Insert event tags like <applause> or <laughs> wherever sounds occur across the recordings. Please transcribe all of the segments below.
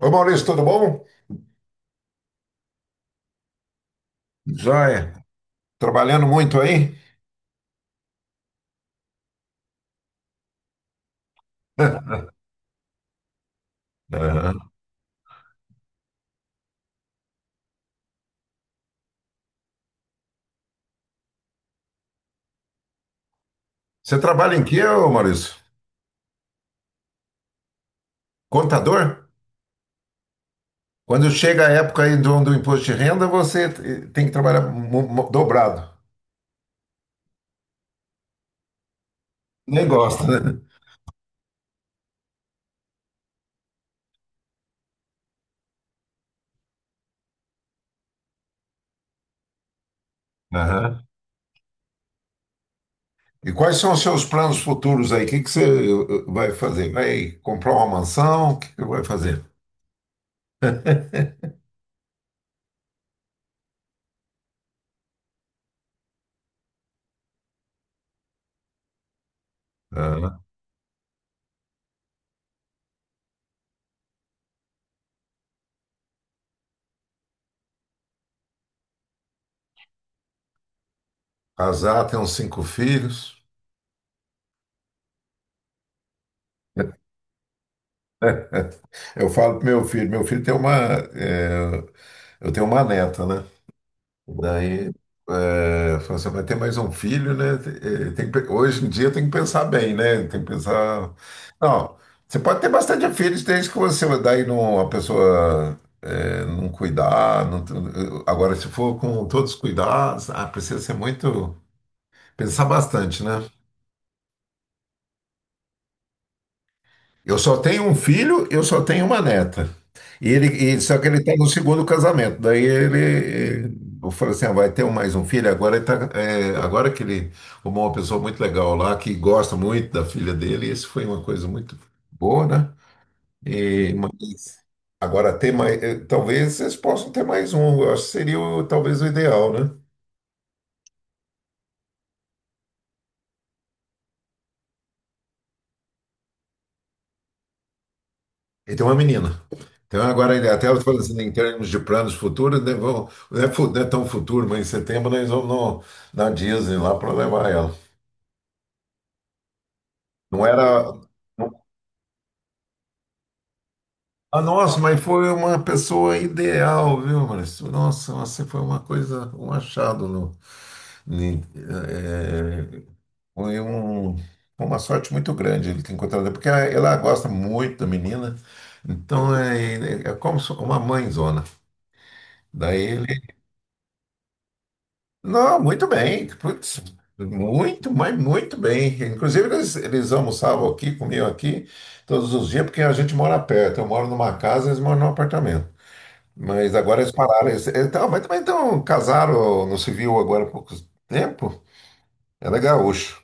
Ô Maurício, tudo bom? Joia. Trabalhando muito aí? <laughs> Aham. Você trabalha em quê, ô Maurício? Contador? Quando chega a época aí do imposto de renda, você tem que trabalhar dobrado. Nem gosta, né? Aham. E quais são os seus planos futuros aí? O que que você vai fazer? Vai comprar uma mansão? O que que vai fazer? <laughs> Aham. Casar, ter uns cinco filhos. Eu falo pro meu filho tem eh, eu tenho uma neta, né? Daí, é, falou assim, vai ter mais um filho, né? Eh, Tem que pe- hoje em dia tem que pensar bem, né? Tem que pensar. Não, você pode ter bastante filhos desde que você daí não, a pessoa não cuidar. Agora, se for com todos os cuidados, precisa ser muito. Pensar bastante, né? Eu só tenho um filho, eu só tenho uma neta. E ele, só que ele está no segundo casamento. Daí ele, eu falei assim, vai ter mais um filho. Agora que ele arrumou uma pessoa muito legal lá, que gosta muito da filha dele, isso foi uma coisa muito boa, né? Mas agora ter mais, talvez vocês possam ter mais um. Eu acho que seria talvez o ideal, né? Ele tem uma menina. Então, agora, até eu falando assim, em termos de planos futuros, né, não é, não é tão futuro, mas em setembro nós vamos na Disney lá para levar ela. Não era. não- Ah, nossa, mas foi uma pessoa ideal, viu, Maurício? Nossa, você foi uma coisa, um achado. No, ni- eh, Foi uma sorte muito grande ele ter encontrado, porque ela gosta muito da menina, então é como se- uma mãezona. Daí não, muito bem. Putz, muito, mas muito bem. Inclusive, eles almoçavam aqui, comiam aqui todos os dias, porque a gente mora perto. Eu moro numa casa, eles moram num apartamento. Mas agora eles pararam. Eles, então, mas também então, casaram no civil agora há pouco tempo. Ela é gaúcho.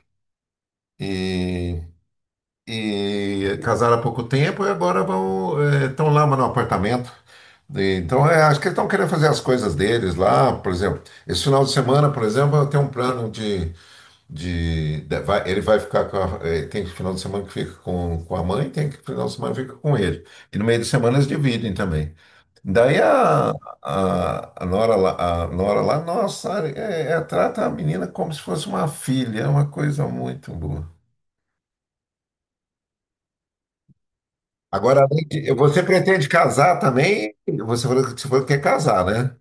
E, e casaram há pouco tempo e agora estão lá no apartamento. Então, é, acho que eles estão querendo fazer as coisas deles lá, por exemplo. Esse final de semana, por exemplo, eu tenho um plano de ele vai ficar tem final de semana que fica com a mãe, tem que final de semana que fica com ele. E no meio de semana eles dividem também. Daí a Nora lá, nossa, trata a menina como se fosse uma filha, é uma coisa muito boa. Agora, você pretende casar também? Você falou que quer casar, né?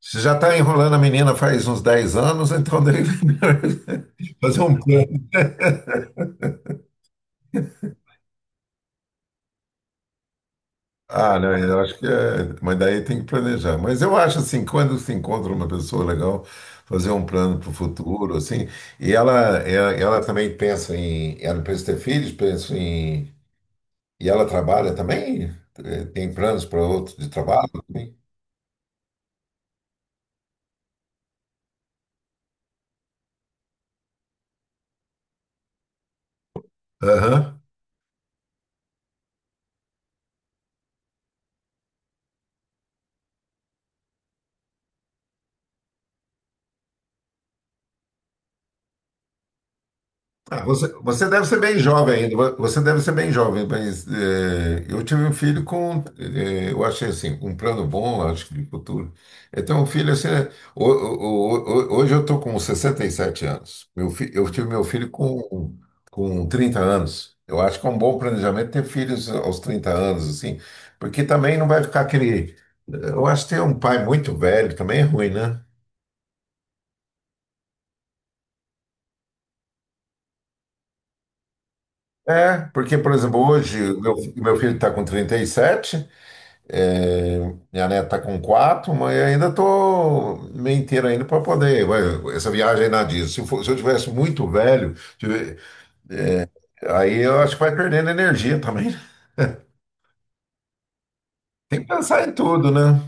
Você já está enrolando a menina faz uns 10 anos, então deve <laughs> fazer um plano. Ah, não, eu acho que é. Mas daí tem que planejar. Mas eu acho assim, quando se encontra uma pessoa legal, fazer um plano para o futuro, assim, e ela também pensa em. Ela pensa em ter filhos, pensa em. E ela trabalha também? Tem planos para outro de trabalho também? Aham. Ah, você deve ser bem jovem ainda, você deve ser bem jovem, mas eu tive um filho com, eu achei assim, um plano bom, acho que de futuro. Eu tenho um filho assim, né, hoje eu estou com 67 anos, eu tive meu filho com 30 anos. Eu acho que é um bom planejamento ter filhos aos 30 anos, assim, porque também não vai ficar aquele. Eu acho que ter um pai muito velho também é ruim, né? É, porque, por exemplo, hoje o meu filho está com 37. É, minha neta tá com quatro, mas eu ainda tô meio inteiro ainda para poder. Essa viagem aí na Disney. Se eu tivesse muito velho, aí eu acho que vai perdendo energia também. <laughs> Tem que pensar em tudo, né?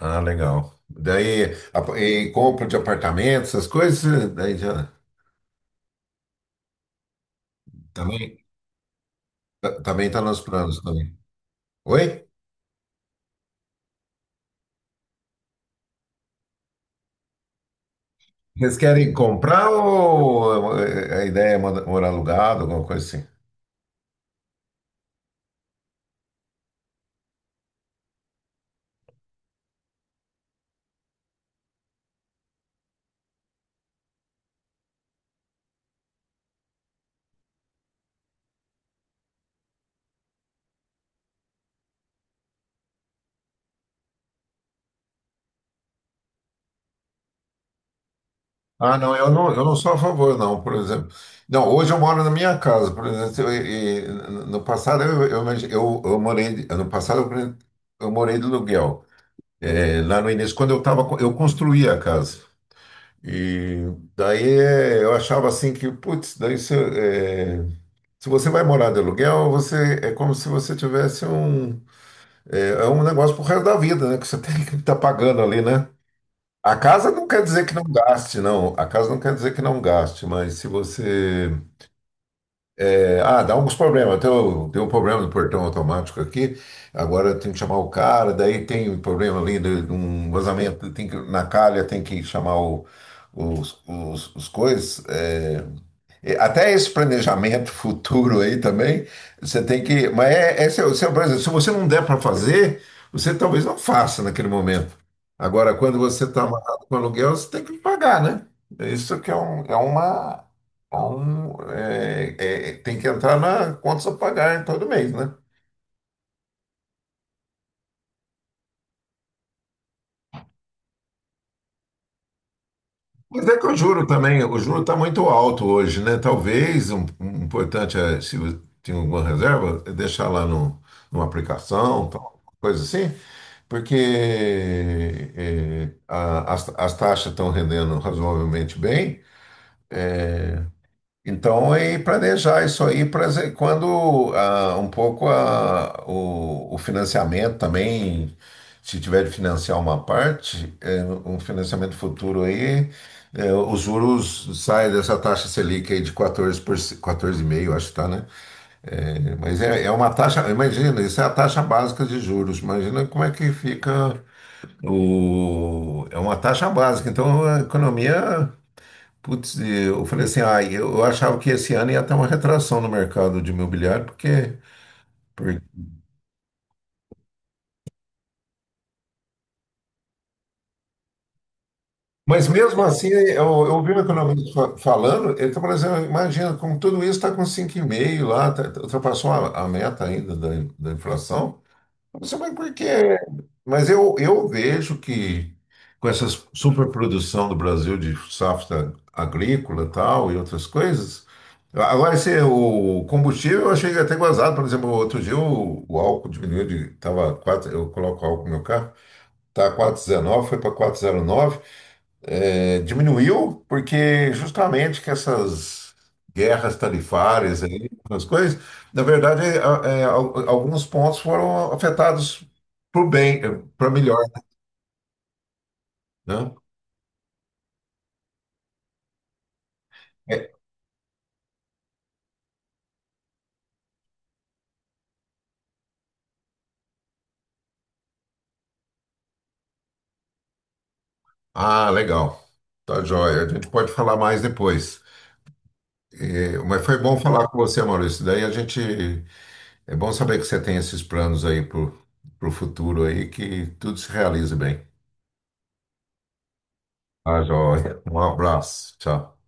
Ah, legal. Daí, e compra de apartamento, essas coisas, daí já também também tá nos planos também. Oi? Vocês querem comprar ou a ideia é morar alugado, alguma coisa assim? Ah, não, eu não sou a favor, não, por exemplo. Não, hoje eu moro na minha casa, por exemplo, no passado eu morei, no passado eu morei de aluguel. É, lá no início, quando eu tava, eu construía a casa. E daí é, eu achava assim que, putz, daí se, é, se você vai morar de aluguel, você é como se você tivesse um, é, é um negócio pro resto da vida, né? Que você <laughs> tem que estar pagando ali, né? A casa não quer dizer que não gaste, não. A casa não quer dizer que não gaste, mas se você. Dá alguns problemas. Tem o, tem um problema do portão automático aqui, agora tem que chamar o cara, daí tem um problema ali de um vazamento, tem que, na calha tem que chamar os coisas. Até esse planejamento futuro aí também, você tem que. Mas é seu, por exemplo, se você não der para fazer, você talvez não faça naquele momento. Agora, quando você está amarrado com aluguel, você tem que pagar, né? Isso que é, um, é uma. É um, tem que entrar na contas a pagar em todo mês, né? Mas é que o juro também, o juro está muito alto hoje, né? Talvez um importante é, se você tem alguma reserva, é deixar lá no, numa aplicação, tal, coisa assim, porque as taxas estão rendendo razoavelmente bem. Então, e planejar isso aí, quando um pouco o financiamento também, se tiver de financiar uma parte, é, um financiamento futuro aí, os juros saem dessa taxa Selic aí de 14%, 14,5, acho que tá, né? Mas é uma taxa, imagina, isso é a taxa básica de juros, imagina como é que fica é uma taxa básica, então a economia. Putz, eu falei assim, ah, eu achava que esse ano ia ter uma retração no mercado de imobiliário, porque, por- Mas mesmo assim, eu vi o economista falando, ele está falando assim, imagina, com tudo isso está com 5,5 lá, ultrapassou a meta ainda da inflação. Você vai porque. Mas eu vejo que com essa superprodução do Brasil de safra agrícola tal e outras coisas. Agora, esse, o combustível eu achei até gozado. Por exemplo, outro dia o álcool diminuiu de. Tava 4 eu coloco álcool no meu carro, tá 4,19, foi para 4,09 diminuiu porque justamente que essas guerras tarifárias aí, as coisas, na verdade, alguns pontos foram afetados para o bem, para melhor, né? É. Ah, legal. Tá joia. A gente pode falar mais depois. É, mas foi bom falar com você, Maurício. Daí a gente. É bom saber que você tem esses planos aí pro futuro aí, que tudo se realize bem. Tá joia. Um abraço. Tchau.